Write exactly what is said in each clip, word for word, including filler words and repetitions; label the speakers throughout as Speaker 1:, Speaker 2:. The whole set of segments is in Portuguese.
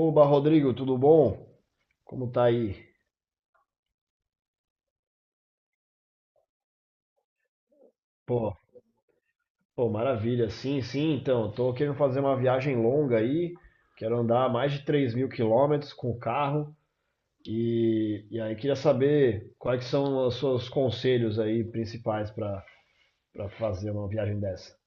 Speaker 1: Oba, Rodrigo, tudo bom? Como tá aí? Pô, pô, maravilha. Sim, sim, então, tô querendo fazer uma viagem longa aí, quero andar mais de três mil quilômetros com o carro e, e aí queria saber quais que são os seus conselhos aí principais para para fazer uma viagem dessa.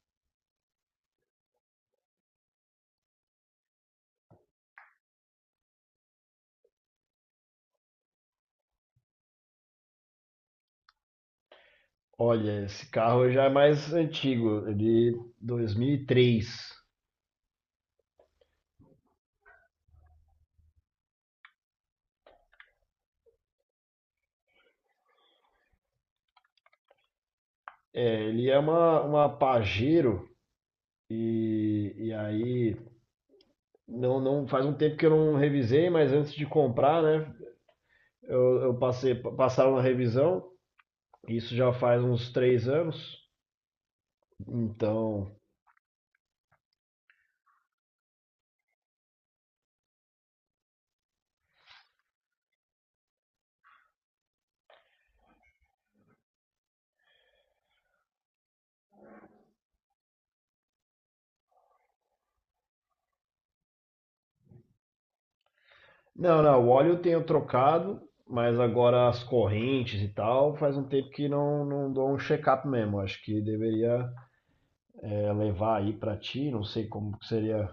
Speaker 1: Olha, esse carro já é mais antigo, ele dois mil e três. É, ele é uma, uma Pajero e, e aí não, não faz um tempo que eu não revisei, mas antes de comprar, né? Eu, eu passei, passaram na revisão. Isso já faz uns três anos. Então, não, não. O óleo eu tenho trocado, mas agora as correntes e tal, faz um tempo que não, não dou um check-up mesmo. Acho que deveria é, levar aí pra ti. Não sei como que seria.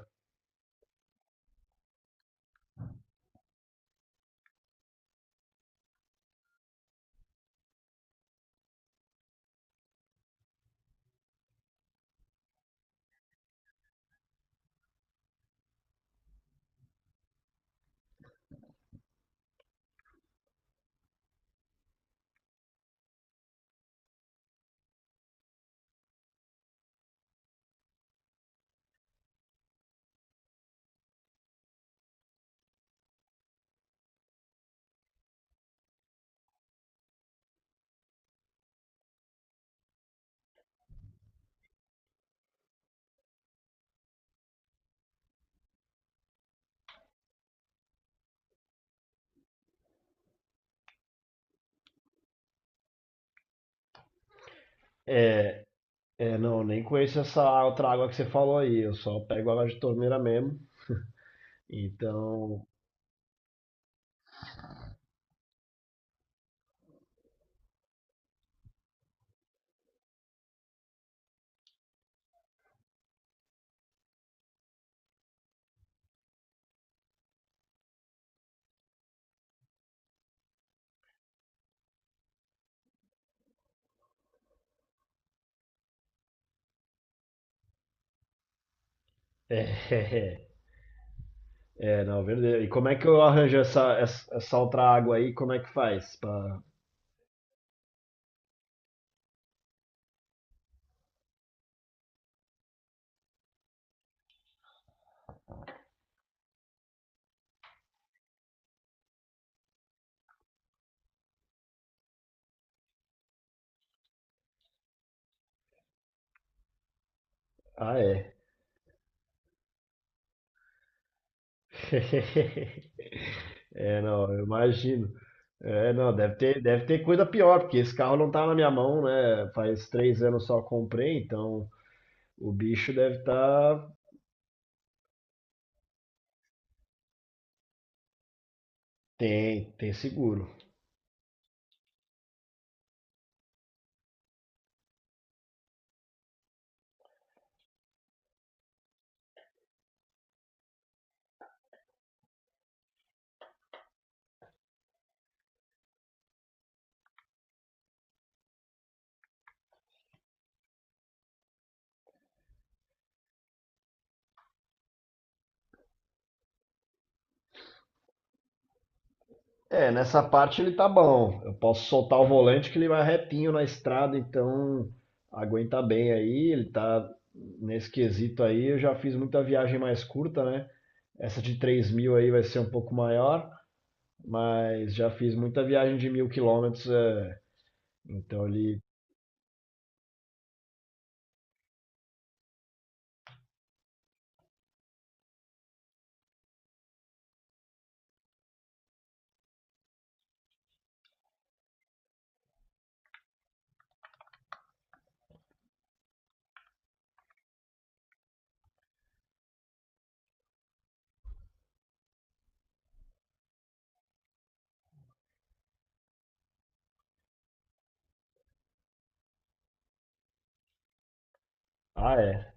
Speaker 1: É, é, não, nem conheço essa outra água que você falou aí. Eu só pego água de torneira mesmo. Então, é, é, é, não, verdadeiro. E como é que eu arranjo essa, essa, essa outra água aí? Como é que faz? Pra- ah, é. É, não, eu imagino. É, não, deve ter, deve ter coisa pior, porque esse carro não tá na minha mão, né? Faz três anos só comprei, então o bicho deve estar. Tá... Tem, tem seguro. É, nessa parte ele tá bom. Eu posso soltar o volante que ele vai retinho na estrada, então aguenta bem aí. Ele tá nesse quesito aí. Eu já fiz muita viagem mais curta, né? Essa de três mil aí vai ser um pouco maior, mas já fiz muita viagem de mil quilômetros. É. Então ele. Ah, é.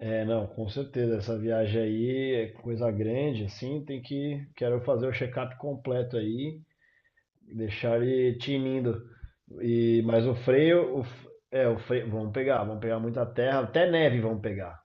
Speaker 1: É, não, com certeza. Essa viagem aí é coisa grande, assim. Tem que. Quero fazer o check-up completo aí. Deixar ele tinindo. E, mas o freio, o, f- é, o freio, vamos pegar, vamos pegar muita terra, até neve vamos pegar.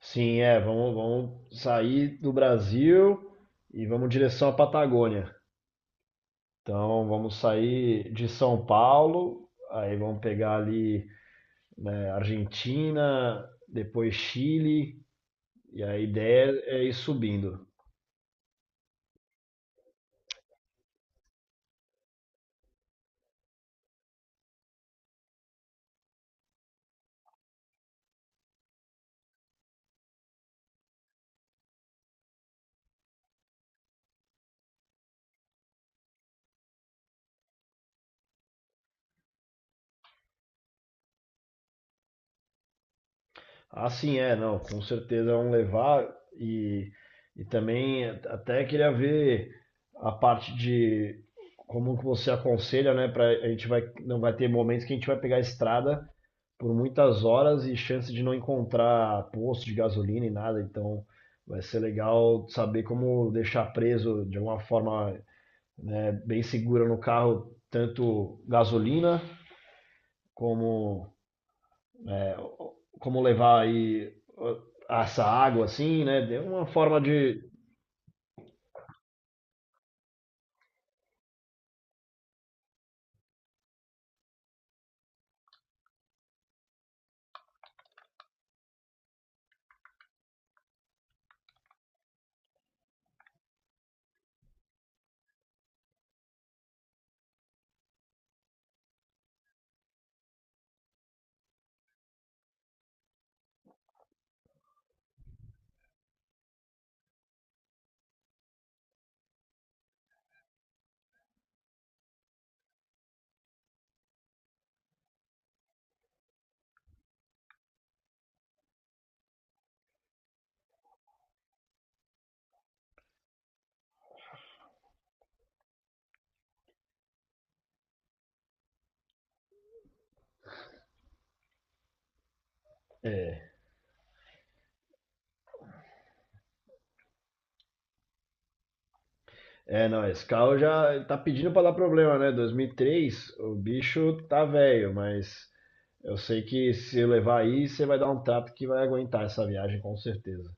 Speaker 1: Sim, é, vamos, vamos sair do Brasil e vamos em direção à Patagônia. Então vamos sair de São Paulo, aí vamos pegar ali, né, Argentina, depois Chile, e a ideia é ir subindo. Ah, sim, é, não, com certeza vão levar e, e também até queria ver a parte de como que você aconselha, né, para a gente vai não vai ter momentos que a gente vai pegar a estrada por muitas horas e chance de não encontrar posto de gasolina e nada, então vai ser legal saber como deixar preso de alguma forma, né, bem segura no carro tanto gasolina como como levar aí ah, essa água assim, né? Deu uma forma de. É, é não, esse carro já tá pedindo pra dar problema, né? dois mil e três, o bicho tá velho, mas eu sei que se eu levar aí, você vai dar um trato que vai aguentar essa viagem, com certeza.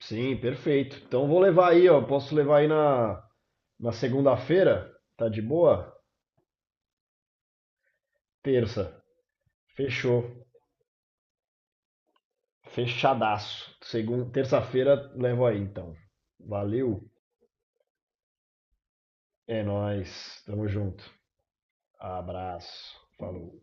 Speaker 1: Sim, perfeito. Então vou levar aí, ó. Posso levar aí na, na segunda-feira? Tá de boa? Terça. Fechou. Fechadaço. Segunda, terça-feira levo aí, então. Valeu. É nóis, tamo junto. Abraço, falou.